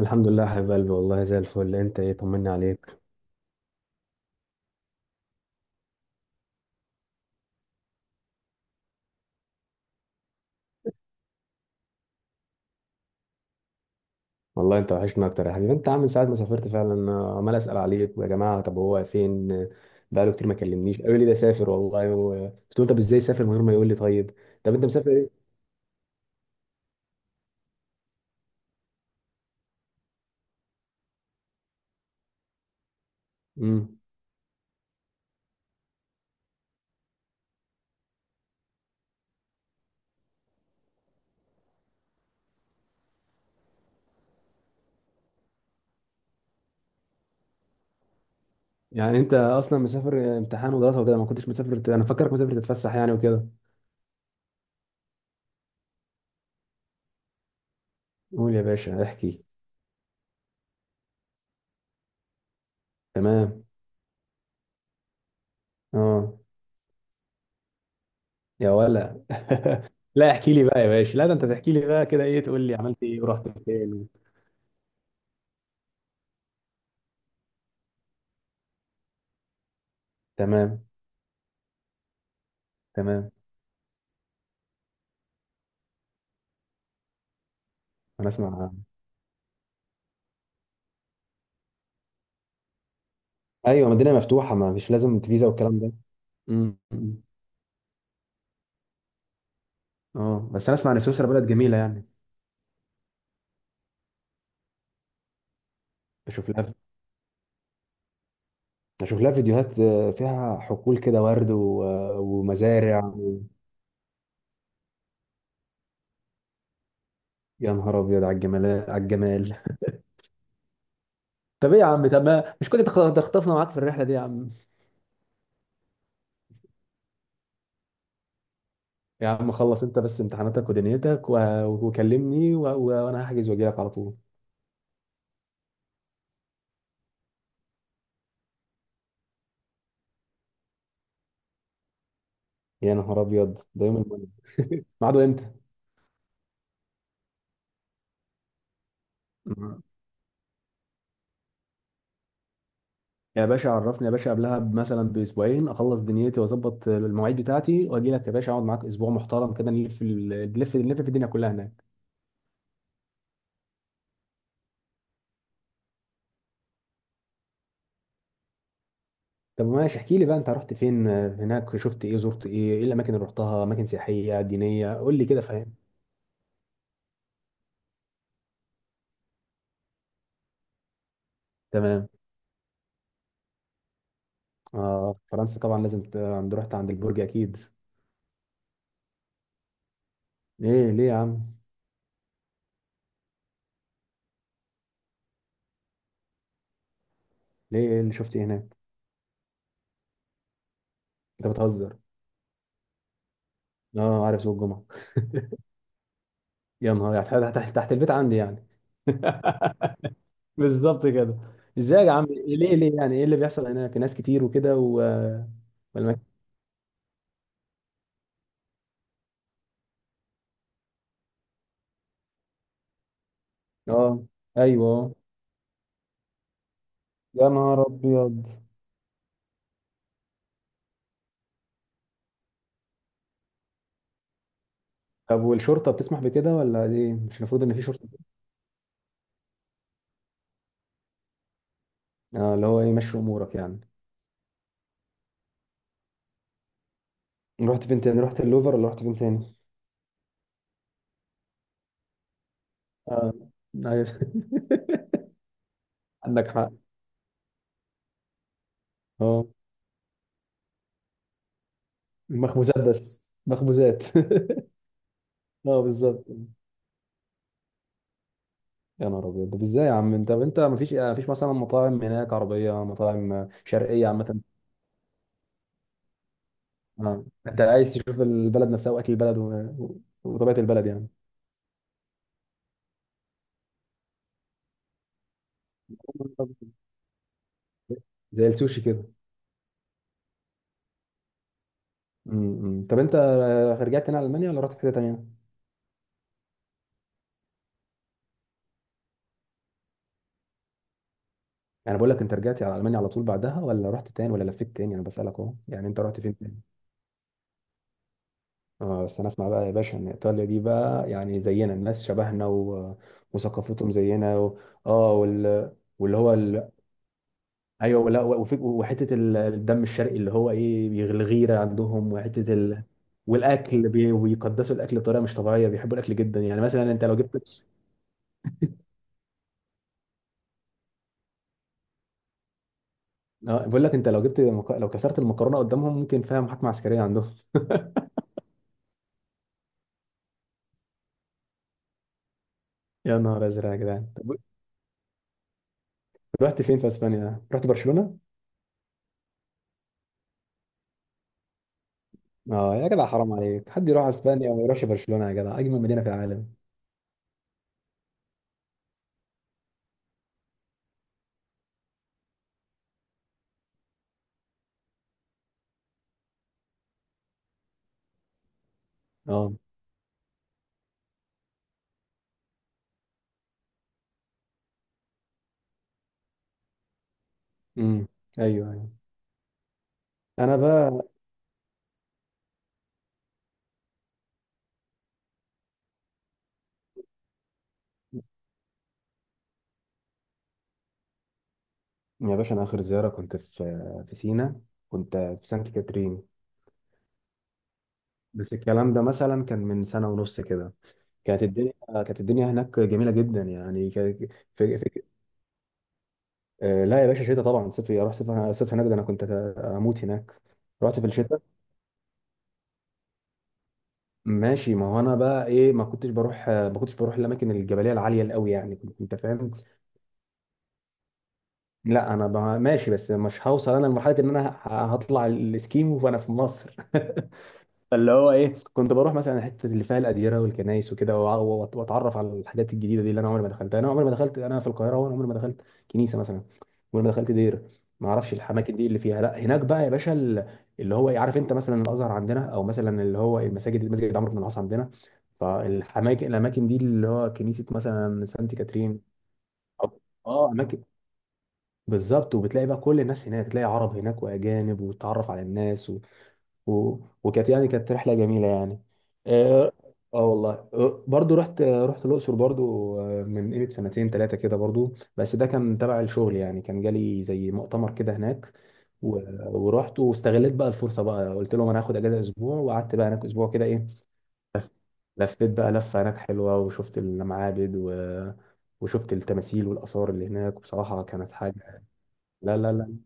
الحمد لله يا حبيب قلبي، والله زي الفل. انت ايه؟ طمني عليك. والله انت وحشنا اكتر يا حبيبي. انت عامل ساعه ما سافرت، فعلا انا عمال اسال عليك يا جماعه، طب هو فين؟ بقاله كتير ما كلمنيش، قالوا لي ده سافر والله قلت له طب ازاي سافر من غير ما يقول لي؟ طيب. طب انت مسافر ايه؟ امم يعني انت اصلا مسافر امتحان ودراسه وكده، ما كنتش مسافر، انا فاكرك مسافر تتفسح يعني وكده. قول يا باشا احكي. تمام. اه. يا ولا لا احكي لي بقى يا باشا، لا ده انت تحكي لي بقى كده، ايه تقول لي عملت ايه ورحت فين. تمام. تمام. انا اسمع. ايوه مدينه مفتوحه، ما مش لازم فيزا والكلام ده. أمم. اه بس انا اسمع ان سويسرا بلد جميله يعني. بشوف لها فيديوهات، فيها حقول كده ورد ومزارع. يا نهار ابيض على الجمال على الجمال. طب ايه يا عم؟ طب مش كنت تخطفنا معاك في الرحله دي يا عم؟ يا عم خلص انت بس امتحاناتك ودنيتك وكلمني وانا هحجز واجي لك على طول. يا نهار ابيض ده يوم المهم ميعاده امتى؟ يا باشا عرفني يا باشا قبلها مثلا باسبوعين، اخلص دنيتي واظبط المواعيد بتاعتي واجي لك يا باشا، اقعد معاك اسبوع محترم كده، نلف نلف نلف في الدنيا كلها هناك. طب ماشي احكي لي بقى، انت رحت فين هناك؟ شفت ايه؟ زرت ايه؟ ايه الاماكن اللي رحتها؟ اماكن سياحيه دينيه؟ قول لي كده، فاهم. تمام. اه فرنسا طبعا لازم ت- عند رحت عند البرج اكيد. ايه ليه يا عم؟ ليه؟ ايه اللي شفت؟ ايه هناك؟ انت بتهزر. اه عارف سوق الجمعه. يا نهار، يعني تحت تحت تحت البيت عندي يعني. بالظبط كده. ازاي يا عم؟ ليه ليه يعني؟ ايه اللي بيحصل هناك؟ ناس كتير وكده و والمك... اه. ايوه. يا نهار ابيض. طب والشرطه بتسمح بكده ولا ايه؟ مش المفروض ان في شرطه؟ اه اللي هو ايه، مشي امورك يعني. رحت فين تاني؟ رحت اللوفر ولا رحت فين تاني؟ اه. ايوه عندك حق. اه. مخبوزات بس مخبوزات اه بالظبط. يا نهار ابيض، طب ازاي يا عم؟ انت طب انت مفيش مثلا مطاعم هناك عربيه، مطاعم شرقيه عامه؟ اه انت عايز تشوف البلد نفسها واكل البلد وطبيعه البلد يعني. زي السوشي كده. امم. طب انت رجعت تاني على المانيا ولا رحت في حته تانيه؟ يعني بقول لك، انت رجعت على المانيا على طول بعدها، ولا رحت تاني، ولا لفيت تاني؟ انا بسالك اهو، يعني انت رحت فين تاني؟ اه بس انا اسمع بقى يا باشا ان ايطاليا دي بقى يعني زينا، الناس شبهنا وثقافتهم زينا اه واللي هو ايوه ولا وحته الدم الشرقي اللي هو ايه الغيره عندهم، وحته بيقدسوا الاكل بطريقه مش طبيعيه، بيحبوا الاكل جدا. يعني مثلا انت لو جبت، بقول لك انت لو جبت لو كسرت المكرونه قدامهم ممكن فيها محاكمه عسكريه عندهم. يا نهار ازرق يا جدعان، طب رحت فين في اسبانيا؟ رحت برشلونه؟ اه يا جدع حرام عليك، حد يروح اسبانيا وما يروحش برشلونه؟ يا جدع اجمل مدينه في العالم. اه. امم. ايوه ايوه. انا بقى يا باشا، انا اخر زياره كنت في سينا، كنت في سانت كاترين. بس الكلام ده مثلا كان من سنة ونص كده. كانت الدنيا هناك جميلة جدا يعني في... في... آه لا يا باشا شتاء طبعا، صيف اروح، صيف صيف هناك ده انا كنت اموت هناك. رحت في الشتاء. ماشي، ما هو انا بقى ايه، ما كنتش بروح الاماكن الجبليه العاليه قوي يعني، انت فاهم. لا انا ماشي، بس مش هوصل انا لمرحله ان انا هطلع الاسكيمو وانا في مصر فاللي هو ايه، كنت بروح مثلا الحته اللي فيها الاديره والكنايس وكده واتعرف على الحاجات الجديده دي اللي انا عمري ما دخلتها. انا عمري ما دخلت انا في القاهره، وانا عمري ما دخلت كنيسه مثلا، عمري ما دخلت دير، ما اعرفش الاماكن دي اللي فيها. لا هناك بقى يا باشا اللي هو عارف انت مثلا الازهر عندنا، او مثلا اللي هو المساجد، مسجد عمرو بن العاص عندنا. فالاماكن دي اللي هو كنيسه مثلا سانت كاترين. أو- اه اماكن، بالظبط. وبتلاقي بقى كل الناس هناك، تلاقي عرب هناك واجانب، وتتعرف على الناس و... وكانت يعني كانت رحله جميله يعني. اه. آه والله آه، برضو رحت الاقصر برضو من قيمه سنتين ثلاثه كده برضو، بس ده كان تبع الشغل يعني، كان جالي زي مؤتمر كده هناك و... ورحت واستغلت بقى الفرصه بقى، قلت لهم انا هاخد اجازه اسبوع، وقعدت بقى هناك اسبوع كده ايه. لف- لفيت بقى لفة هناك حلوة وشفت المعابد وشفت التماثيل والآثار اللي هناك، بصراحة كانت حاجة. لا لا لا،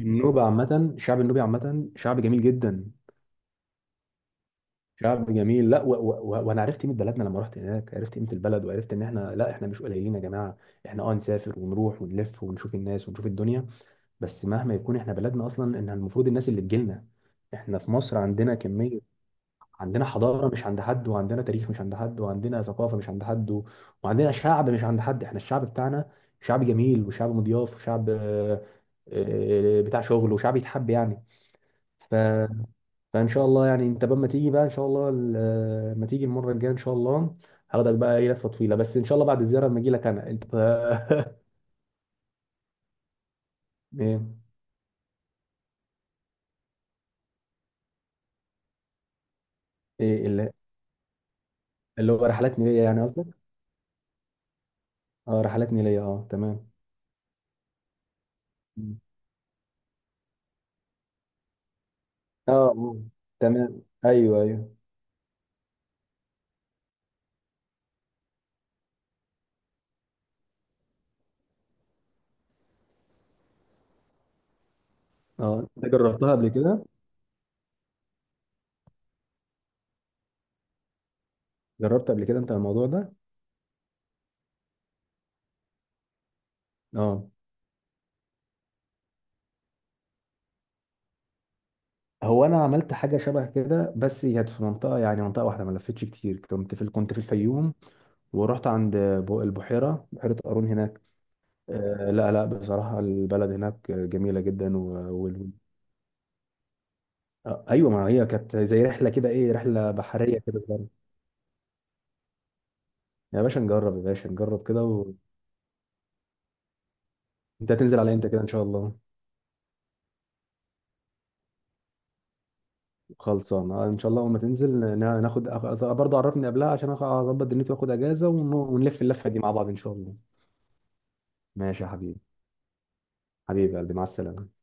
النوبة عامة، الشعب النوبي عامة شعب جميل جدا. شعب جميل، لا وانا عرفت قيمه بلدنا لما رحت هناك، عرفت قيمه البلد، وعرفت ان احنا لا، احنا مش قليلين يا جماعه. احنا اه نسافر ونروح ونلف ونشوف الناس ونشوف الدنيا، بس مهما يكون احنا بلدنا اصلا، ان المفروض الناس اللي تجيلنا. احنا في مصر عندنا كميه، عندنا حضاره مش عند حد، وعندنا تاريخ مش عند حد، وعندنا ثقافه مش عند حد وعندنا شعب مش عند حد. احنا الشعب بتاعنا شعب جميل، وشعب مضياف، وشعب بتاع شغل، وشعب يتحب يعني. ف... فان شاء الله يعني انت بقى ما تيجي بقى ان شاء الله ما تيجي المره الجايه ان شاء الله، هاخدك بقى ايه لفه طويله، بس ان شاء الله بعد الزياره لما اجي لك انا انت ايه. ايه اللي هو رحلات نيليه يعني قصدك؟ اه رحلات نيليه اه تمام. مم. اه تمام ايوه ايوه. اه انت جربتها قبل كده؟ جربت قبل كده انت الموضوع ده؟ اه. هو انا عملت حاجه شبه كده، بس هي كانت في منطقه، يعني منطقه واحده، ما لفتش كتير. كنت في الفيوم، ورحت عند البحيره، بحيره قارون هناك. لا لا بصراحة البلد هناك جميلة جدا و... آه، أيوة ما هي كانت زي رحلة كده، إيه رحلة بحرية كده صغيرة. يا باشا نجرب، يا باشا نجرب كده أنت هتنزل على إمتى كده إن شاء الله؟ خلصان إن شاء الله لما تنزل ناخد برضه عرفني قبلها عشان أظبط دنيتي، وآخد أجازة ونلف اللفة دي مع بعض إن شاء الله. ماشي يا حبيبي. حبيبي يا قلبي، مع السلامة.